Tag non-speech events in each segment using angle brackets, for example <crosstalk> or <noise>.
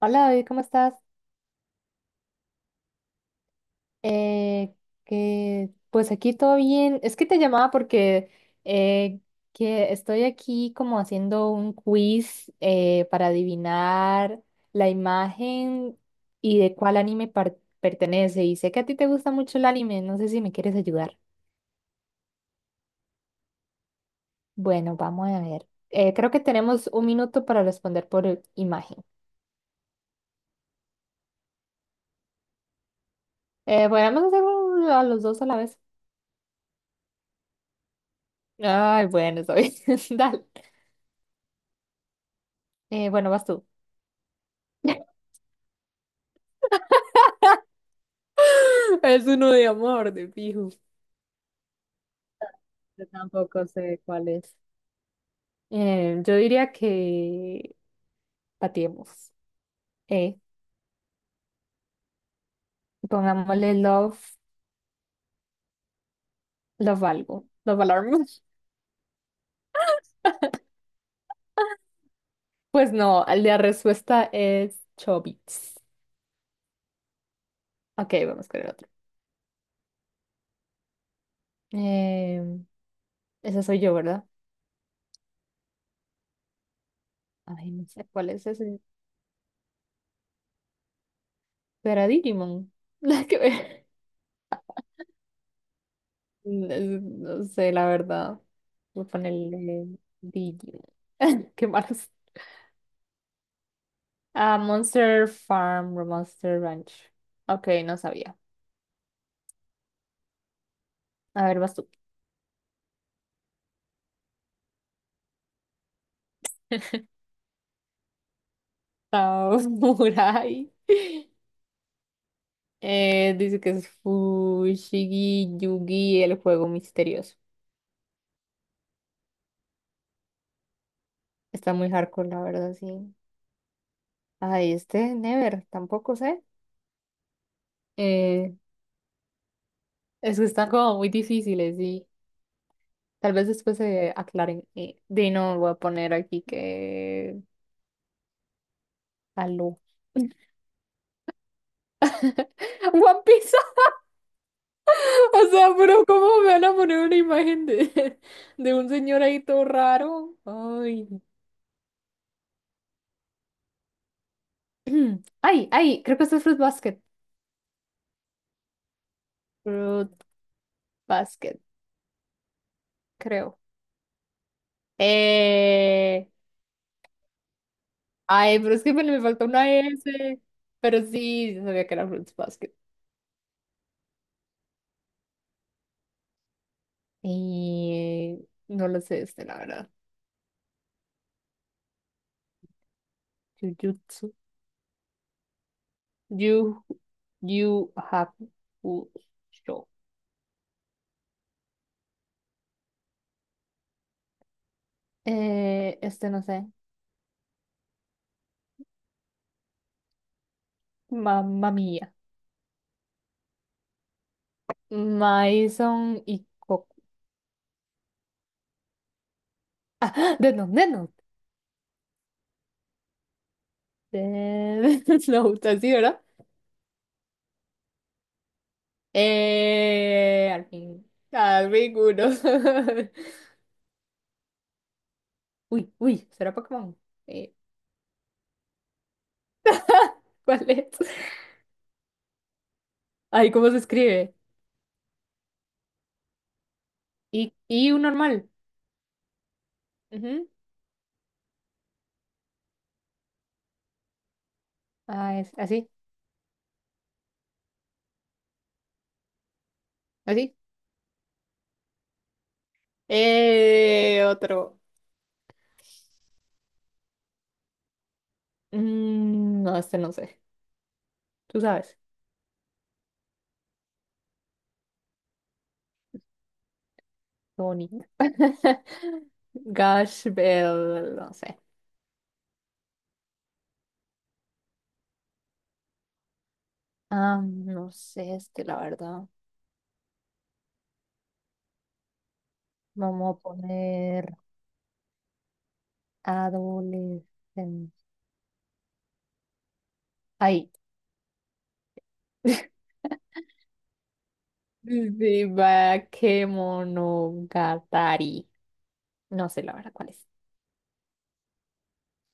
Hola David, ¿cómo estás? Eh, que pues aquí todo bien. Es que te llamaba porque eh, que estoy aquí como haciendo un quiz para adivinar la imagen y de cuál anime pertenece. Y sé que a ti te gusta mucho el anime, no sé si me quieres ayudar. Bueno, vamos a ver. Creo que tenemos 1 minuto para responder por imagen. Bueno, vamos a hacer a los dos a la vez. Ay, bueno, está bien. <laughs> Dale. Bueno, vas tú. <laughs> Es uno de amor, de fijo. Yo tampoco sé cuál es. Yo diría que patiemos. Eh, Pongámosle love algo. Love alarm. <laughs> Pues no, la respuesta es Chobits. Ok, vamos con el otro. Eh, Ese soy yo, ¿verdad? Ay, no sé cuál es ese. ¿Será Digimon? <laughs> La que ve- No no sé, la verdad. Voy a ponerle Digimon. <laughs> Qué malos. Ah, Monster Farm, o Monster Ranch. Ok, no sabía. A ver, vas tú. Ah, <laughs> Samurai. Dice que es Fushigi Yugi, el juego misterioso. Está muy hardcore, la verdad, sí. Ay, este, Never, tampoco sé. Eh, es que están como muy difíciles y tal vez después se aclaren. Dino, voy a poner aquí que. Aló. <laughs> One Piece. O sea, pero ¿cómo me van a poner una imagen <laughs> de un señor ahí todo raro? Ay. <clears throat> Ay, ay, creo que esto es Fruit Basket. Fruit Basket, creo. Eh, Ay, pero es que me faltó una S. Pero sí, yo sabía que era Fruit Basket. Y no lo sé, este, la verdad. Jujutsu. You, you have show. Este no sé. Mamma mía. Maison y Coco. <laughs> Ah, The Note, The Note. The <laughs> Note, así, ¿verdad? Al fin, al fin uno. <laughs> Uy, uy, ¿será Pokémon? Eh, <laughs> ¿cuál es? Ay, ¿cómo se escribe? Y un normal. Ujú. Ah, es así, así. Otro. Mm, no, este no sé. Tú sabes. Tony <laughs> Gash Bell, no sé. Ah, no sé, este, la verdad. Vamos a poner. Adolescencia. Ahí. <laughs> Sí, va, Kemonogatari. No sé la verdad cuál es.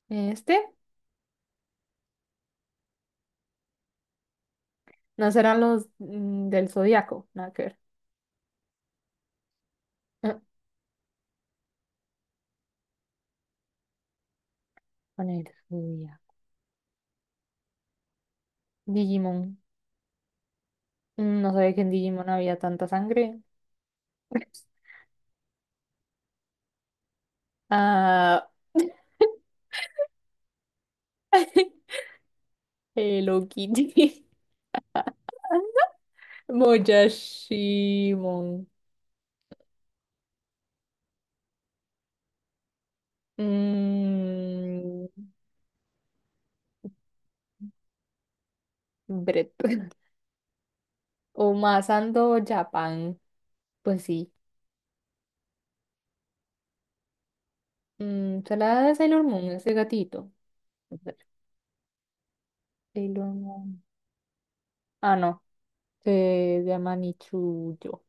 Este, no serán los del Zodíaco, nada que ver. <laughs> Ah, con el zodiaco. Digimon. No sabía que en Digimon había tanta sangre. <laughs> Ah, <laughs> Hello Kitty. <laughs> Moyashimon. Mm, Brett. <laughs> O Masando Japan. Pues sí. Se la da de Sailor Moon, ese gatito. A ver, Sailor Moon. Ah, no. Se llama Nichuyo.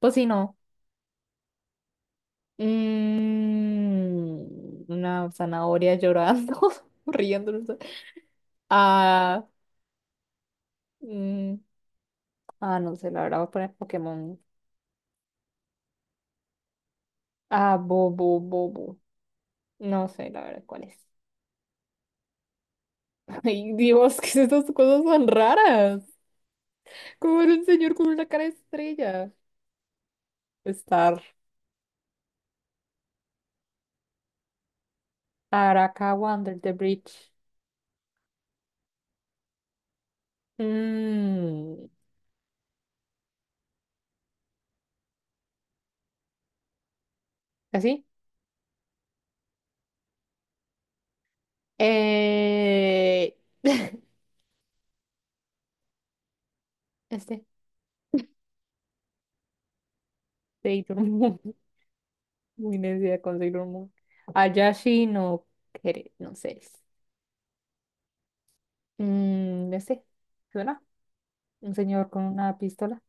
Pues sí, no. Mm, una zanahoria llorando, <laughs> riéndose. Ah, mm, ah, no sé, la verdad voy a poner Pokémon. Ah, Bobo, Bobo. No sé, la verdad, ¿cuál es? <laughs> Ay, Dios, ¿qué es estas cosas tan raras? Como era un señor con una cara de estrella. Star. Arakawa Under the Bridge. Mm, ¿Así? Eh, <laughs> este, Sailor Moon. <laughs> Muy necia con Sailor Moon. Ayashi no Kere, no sé. Este, ¿suena? Un señor con una pistola.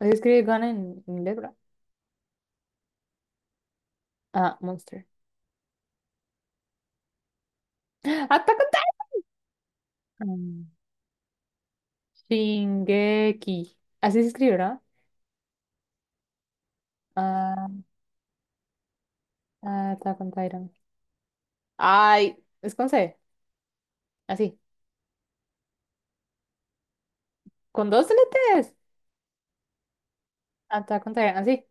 Así escribe Gun en inglés, ¿verdad? Ah, Monster. <gasps> ¡Ah, Attack on Titan! Mm, Shingeki. Así se escribe, ¿verdad? Ah, ah, Attack on Titan. Ay, es con C. Así. Con dos letras. Attack on Titan, sí.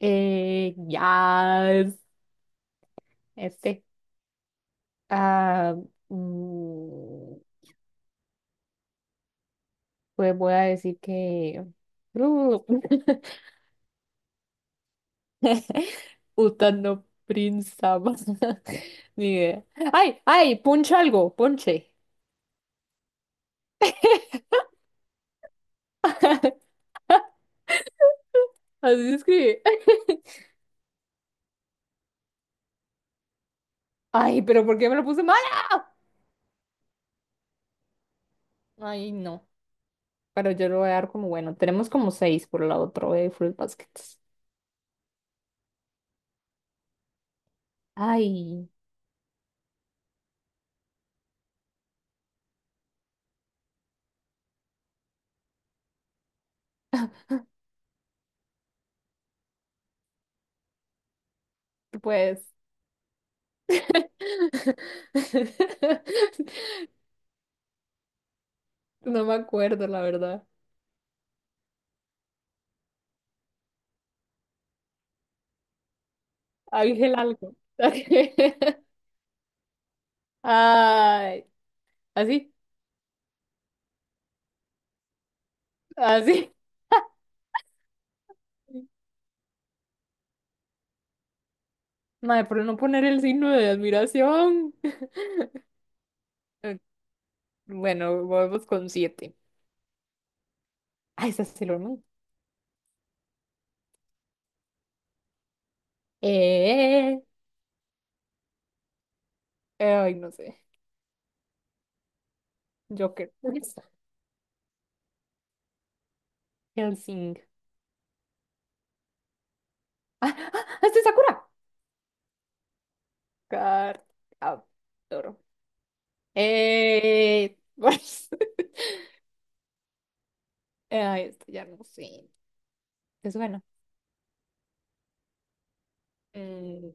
Yes. Este. Ah, mm, pues voy a decir que. <laughs> Utano Prinsama. <laughs> Ni idea. ¡Ay! ¡Ay! ¡Puncha algo! ¡Ponche! <laughs> Así se escribe. <laughs> ¡Ay! ¿Pero por qué me lo puse mala? Ay, no. Pero yo lo voy a dar como bueno. Tenemos como seis por la otra de Fruit Baskets. Ay, pues. <laughs> No me acuerdo, la verdad. Ángel algo. <laughs> Ay, así, así. <laughs> Madre, por no poner el signo de admiración. <laughs> Eh, Bueno, volvemos con siete. Ay, esa es Sailor Moon. Eh, ay, no sé. Joker. Helsing. <laughs> Ah, ah, este es Sakura. Car- ah, Toro. Eh, <laughs> ay, esto ya no sé. ¿Te suena? Eh,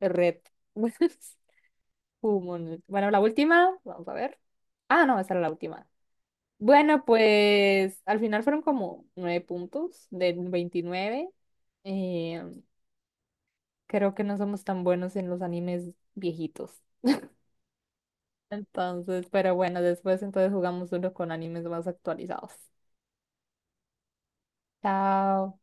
red. <laughs> Humanoid. Bueno, la última, vamos a ver. Ah, no, esa era la última. Bueno, pues al final fueron como 9 puntos de 29. Eh, Creo que no somos tan buenos en los animes viejitos. Entonces, pero bueno, después entonces jugamos uno con animes más actualizados. Chao.